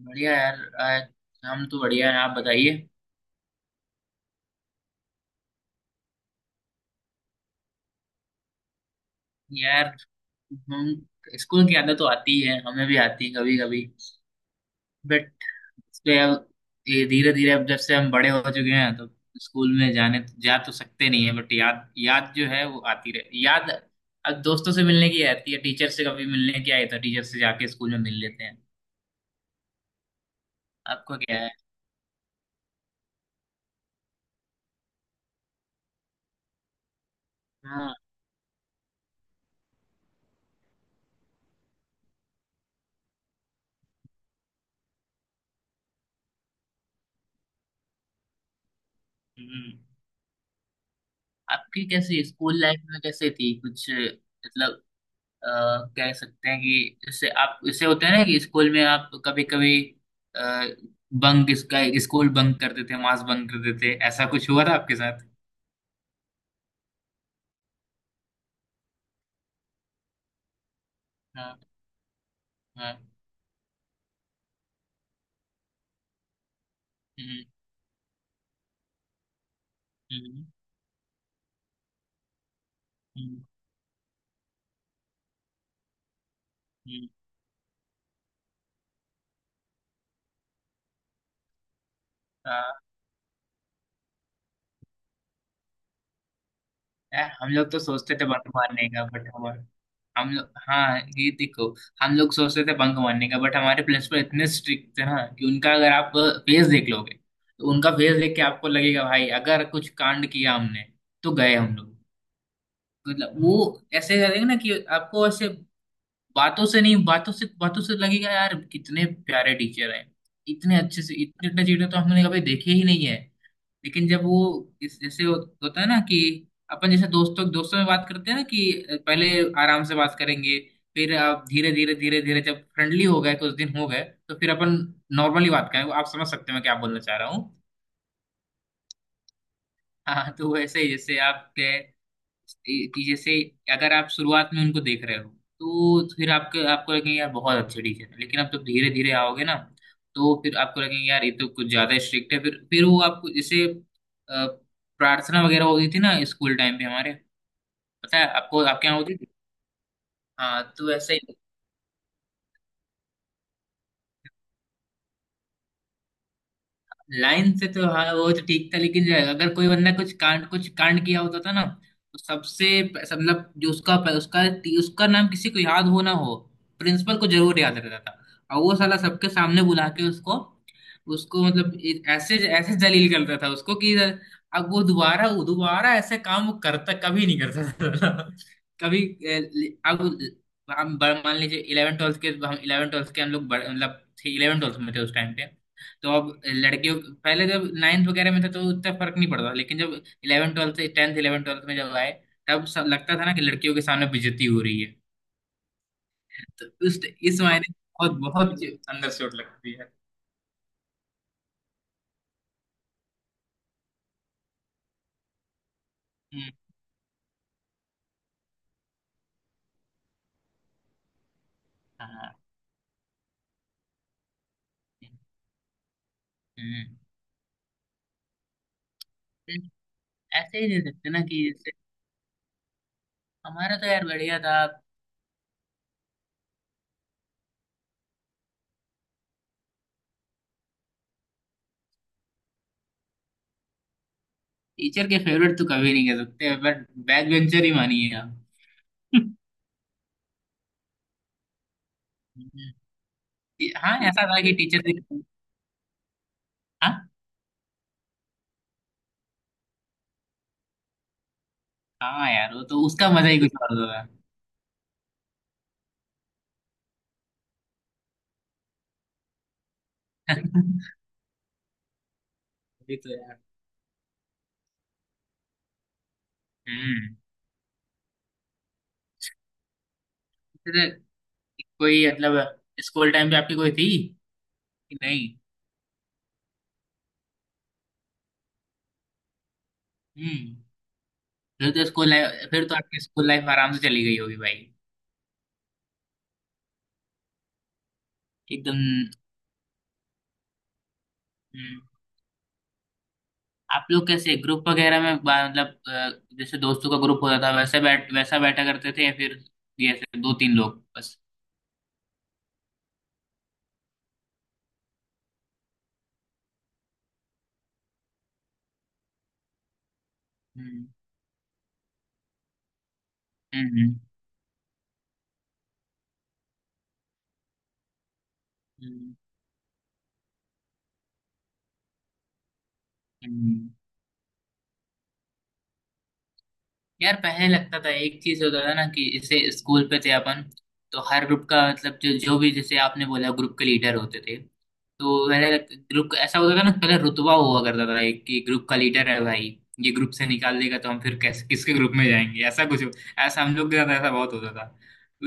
बढ़िया यार, आज हम तो बढ़िया है। आप बताइए। यार, हम स्कूल की आदत तो आती ही है, हमें भी आती है कभी कभी। बट, तो यार, ये धीरे धीरे अब जब से हम बड़े हो चुके हैं तो स्कूल में जाने जा तो सकते नहीं है, बट याद, याद जो है वो आती रहे याद। अब दोस्तों से मिलने की आती है, टीचर से कभी मिलने की आई तो टीचर से जाके स्कूल में मिल लेते हैं। आपको क्या है? हाँ। हम्म। आपकी कैसी स्कूल लाइफ में कैसे थी कुछ मतलब? अ, कह सकते हैं कि इससे आप इससे होते हैं ना कि स्कूल में आप कभी कभी बंक इसका स्कूल बंक करते थे, मास बंक करते थे, ऐसा कुछ हुआ था आपके साथ? हाँ। हाँ। हम्म। हम्म। हम्म। हम्म। हाँ। यार, हम लोग तो सोचते थे बंक मारने का बट हमारे हम लोग, हाँ ये देखो, हम लोग सोचते थे बंक मारने का बट हमारे प्रिंसिपल इतने स्ट्रिक्ट थे ना कि उनका अगर आप फेस देख लोगे तो उनका फेस देख के आपको लगेगा भाई अगर कुछ कांड किया हमने तो गए हम लोग। मतलब वो ऐसे करेंगे ना कि आपको ऐसे बातों से नहीं बातों से, बातों से लगेगा यार कितने प्यारे टीचर हैं, इतने अच्छे से, इतने इतने चीजें तो हमने कभी देखे ही नहीं है। लेकिन जब वो इस जैसे हो, होता है ना कि अपन, जैसे दोस्तों दोस्तों में बात करते हैं ना कि पहले आराम से बात करेंगे, फिर आप धीरे धीरे धीरे धीरे जब फ्रेंडली हो गए, कुछ दिन हो गए तो फिर अपन नॉर्मली बात करें। आप समझ सकते हैं मैं क्या बोलना चाह रहा हूँ? हाँ, तो वैसे ही जैसे आपके कि जैसे अगर आप शुरुआत में उनको देख रहे हो तो फिर आपके आपको लगेंगे यार बहुत अच्छे टीचर है, लेकिन आप जब धीरे धीरे आओगे ना तो फिर आपको लगेंगे यार ये तो कुछ ज्यादा स्ट्रिक्ट है। फिर वो आपको जैसे अ, प्रार्थना वगैरह होती थी ना स्कूल टाइम पे हमारे, पता है आपको आपके यहाँ होती थी? हाँ, तो ऐसे ही। लाइन से तो हाँ वो तो ठीक था, लेकिन अगर कोई बंदा कुछ कांड किया होता था ना तो मतलब जो उसका उसका उसका नाम किसी को याद हो ना हो, प्रिंसिपल को जरूर याद रहता था। और वो साला सबके सामने बुला के उसको उसको मतलब ऐसे ऐसे जलील करता था उसको कि अब वो दोबारा, ऐसे काम वो करता कभी नहीं करता था कभी अब मान लीजिए इलेवन ट्वेल्थ के हम लोग मतलब इलेवन ट्वेल्थ में थे उस टाइम पे। तो अब लड़कियों, पहले जब नाइन्थ वगैरह में था तो उतना फर्क नहीं पड़ता था, लेकिन जब इलेवन ट्वेल्थ से टेंथ, इलेवन ट्वेल्थ में जब आए तब सब लगता था ना कि लड़कियों के सामने बेइज्जती हो रही है। तो उस, इस मायने बहुत बहुत अंदर चोट लगती है। हम्म। हाँ। हम्म। हम्म। ऐसे ही दे सकते ना कि जैसे हमारा तो यार बढ़िया था। टीचर के फेवरेट तो कभी नहीं कह सकते, बट बैक बेंचर ही मानिए आप। हम्म। हाँ, ऐसा था कि टीचर से। हाँ। हाँ यार, वो तो उसका मजा ही कुछ और होता था। ये तो है। हम्म। फिर कोई मतलब स्कूल टाइम पे आपकी कोई थी कि नहीं? हम्म। फिर तो आपकी स्कूल लाइफ आराम से चली गई होगी भाई। एकदम। हम्म। आप लोग कैसे ग्रुप वगैरह में मतलब जैसे दोस्तों का ग्रुप होता था वैसे बैठ वैसा बैठा करते थे, या फिर ये ऐसे दो तीन लोग बस? हम्म। हम्म। हम्म। हम्म। यार, पहले लगता था एक चीज होता था ना कि जैसे स्कूल पे थे अपन तो हर ग्रुप का मतलब जो जो भी, जैसे आपने बोला, ग्रुप के लीडर होते थे। तो पहले, ग्रुप ऐसा होता था ना, पहले रुतबा हुआ करता था एक कि ग्रुप का लीडर है भाई, ये ग्रुप से निकाल देगा तो हम फिर कैसे किसके ग्रुप में जाएंगे, ऐसा ऐसा हम लोग के साथ ऐसा बहुत होता था।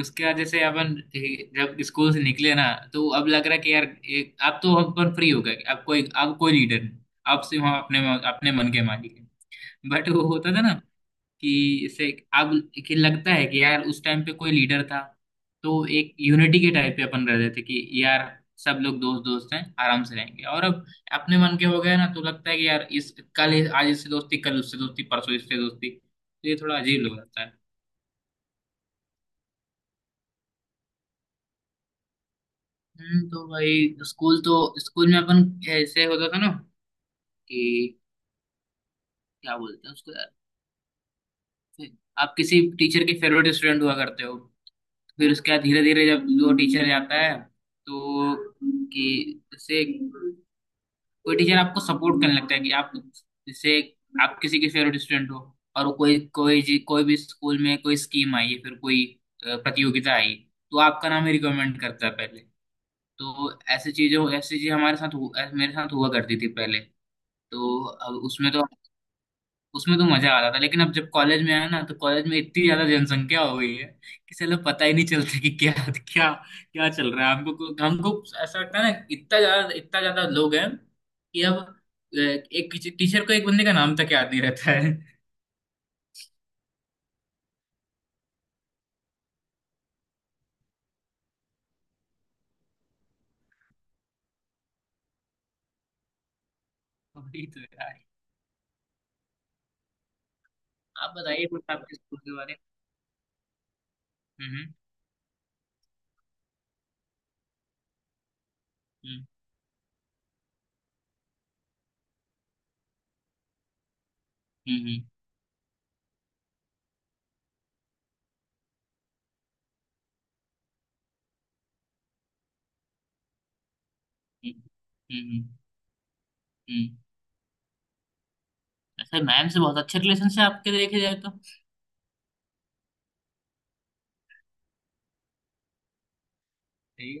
उसके बाद जैसे अपन जब स्कूल से निकले ना तो अब लग रहा है कि यार अब तो अपन फ्री हो गए, अब कोई, अब कोई लीडर नहीं, अब सिर्फ हम अपने अपने मन के मालिक हैं। बट वो होता था ना कि इसे, अब, कि लगता है कि यार उस टाइम पे कोई लीडर था तो एक यूनिटी के टाइप पे अपन रहते थे कि यार सब लोग दोस्त दोस्त हैं आराम से रहेंगे, और अब अपने मन के हो गए ना तो लगता है कि यार आज इससे दोस्ती, कल उससे दोस्ती, परसों इससे दोस्ती, तो ये थोड़ा अजीब लग जाता है। हम्म। तो भाई, स्कूल तो स्कूल में अपन ऐसे होता था ना कि क्या बोलते हैं उसको यार, आप किसी टीचर के फेवरेट स्टूडेंट हुआ करते हो। फिर उसके बाद धीरे धीरे जब वो टीचर जाता है तो, कि जैसे कोई टीचर आपको सपोर्ट करने लगता है कि आप, जैसे आप किसी के फेवरेट स्टूडेंट हो और वो कोई कोई जी- कोई भी स्कूल में कोई स्कीम आई है फिर कोई प्रतियोगिता आई तो आपका नाम ही रिकमेंड करता है पहले। तो ऐसी चीजों, ऐसी चीज हमारे साथ मेरे साथ हुआ करती थी पहले। तो अब उसमें तो, उसमें तो मजा आ रहा था, लेकिन अब जब कॉलेज में आया ना तो कॉलेज में इतनी ज्यादा जनसंख्या हो गई है कि चलो पता ही नहीं चलता कि क्या क्या क्या चल रहा है। हमको हमको ऐसा लगता है ना इतना ज्यादा, लोग हैं कि अब एक टीचर को एक बंदे का नाम तक याद नहीं रहता है। वही तो यार। आप बताइए कुछ आपके स्कूल के बारे में। हम्म। हम्म। हम्म। हम्म। हम्म। हम्म। हम्म। अच्छा, मैम से बहुत अच्छे रिलेशन है आपके देखे जाए तो। सही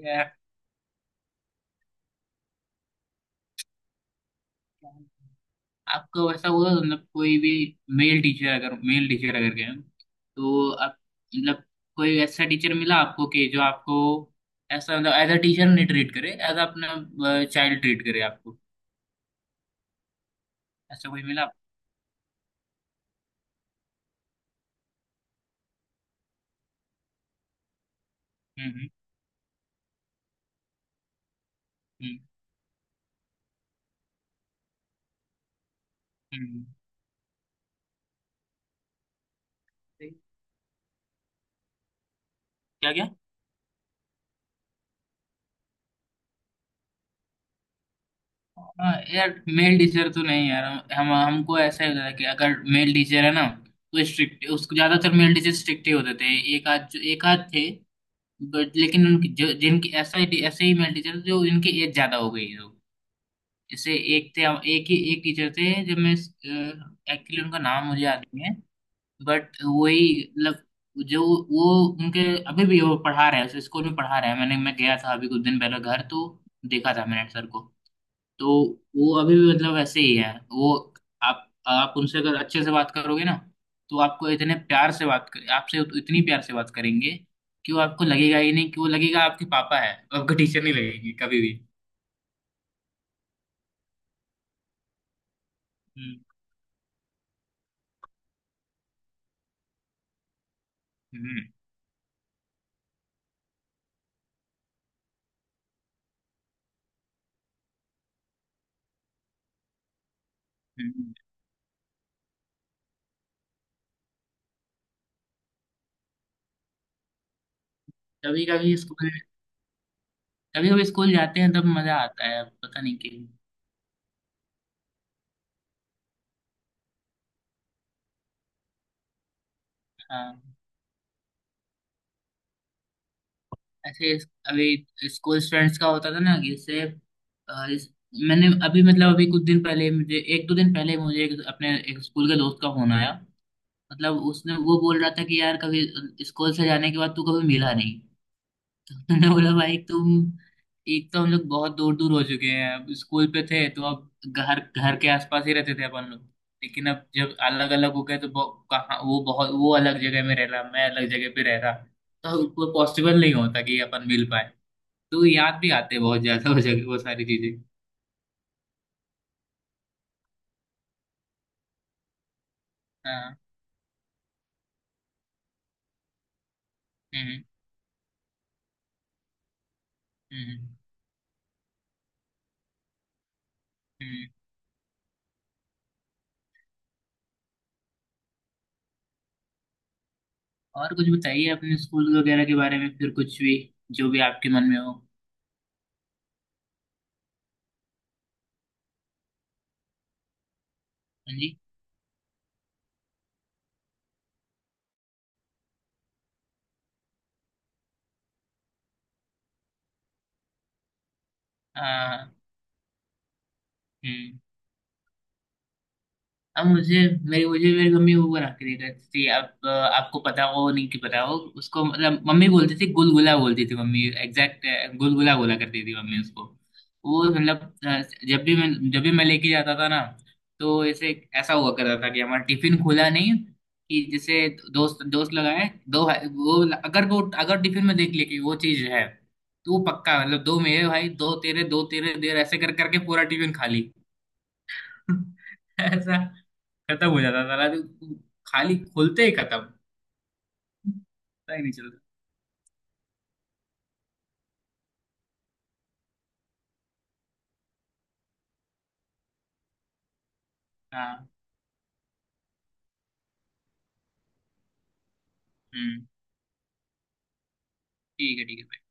है। आपको ऐसा हुआ तो मतलब कोई भी मेल टीचर अगर गए, तो आप, मतलब कोई ऐसा टीचर मिला आपको कि जो आपको ऐसा मतलब एज अ टीचर नहीं ट्रीट करे, एज अपना चाइल्ड ट्रीट करे आपको? ऐसा कोई मिला आपको? हम्म। हम्म। हम्म। हम्म। क्या क्या। हाँ यार, मेल टीचर तो नहीं यार, हम हमको ऐसा ही होता था कि अगर मेल टीचर है ना तो स्ट्रिक्ट, उसको ज्यादातर मेल टीचर स्ट्रिक्ट ही होते थे। एक आध जो एक आध थे, बट लेकिन उनकी जो, जिनकी ऐसा ही ऐसे ही मेरे टीचर जो इनकी एज ज्यादा हो गई है लोग। जैसे एक थे, एक टीचर थे, जब मैं, एक्चुअली उनका नाम मुझे याद नहीं है, बट वही मतलब जो, वो, उनके अभी भी वो पढ़ा रहे हैं उस स्कूल में पढ़ा रहे हैं। मैं गया था अभी कुछ दिन पहले घर, तो देखा था मैंने सर को। तो वो अभी भी मतलब ऐसे ही है वो। आप उनसे अगर अच्छे से बात करोगे ना तो आपको इतने प्यार से बात कर आपसे उत- इतनी प्यार से बात करेंगे कि वो आपको लगेगा ही नहीं कि वो, लगेगा आपके पापा है, आपका टीचर नहीं लगेगी कभी भी। हम्म। हम्म। कभी कभी स्कूल कभी कभी स्कूल जाते हैं तब मजा आता है, पता नहीं क्यों। हाँ। अभी स्कूल फ्रेंड्स का होता था ना कि अ, इस, मैंने अभी मतलब अभी कुछ दिन पहले मुझे एक दो दिन पहले मुझे अपने एक स्कूल के दोस्त का फोन आया। मतलब उसने, वो बोल रहा था कि यार कभी स्कूल से जाने के बाद तू कभी मिला नहीं। तो मैंने बोला भाई तुम, एक तो हम लोग बहुत दूर दूर हो चुके हैं, अब स्कूल पे थे तो अब घर, घर के आसपास ही रहते थे अपन लोग, लेकिन अब जब अलग अलग हो गए तो कहाँ, वो बहुत, वो अलग जगह में रह रहा, मैं अलग जगह पे रह रहा, तो वो पॉसिबल नहीं होता कि अपन मिल पाए। तो याद भी आते बहुत ज्यादा वो जगह, वो सारी चीजें। हाँ। हम्म। हम्म। हम्म। हम्म। और कुछ बताइए अपने स्कूल वगैरह के बारे में फिर, कुछ भी जो भी आपके मन में हो। हाँ जी। हाँ। हम्म। अब मुझे, मेरी मम्मी वो बना के देती थी। आप आपको पता हो नहीं कि पता हो, उसको मतलब मम्मी बोलती थी, गुलगुला बोलती थी मम्मी, एग्जैक्ट गुलगुला बोला करती थी मम्मी उसको। वो मतलब जब भी मैं लेके जाता था ना तो ऐसे, ऐसा हुआ करता था कि हमारा टिफिन खुला नहीं कि जैसे दोस्त दोस्त लगाए, दो वो अगर, टिफिन में देख ले कि वो चीज है तो वो पक्का मतलब दो मेरे भाई, दो तेरे, दो तेरे देर ऐसे कर करके पूरा टिफिन खाली। ऐसा खत्म हो जाता था रात को। खाली खोलते ही खत्म, पता ही नहीं चलता। हाँ। हम्म। ठीक है, ठीक है।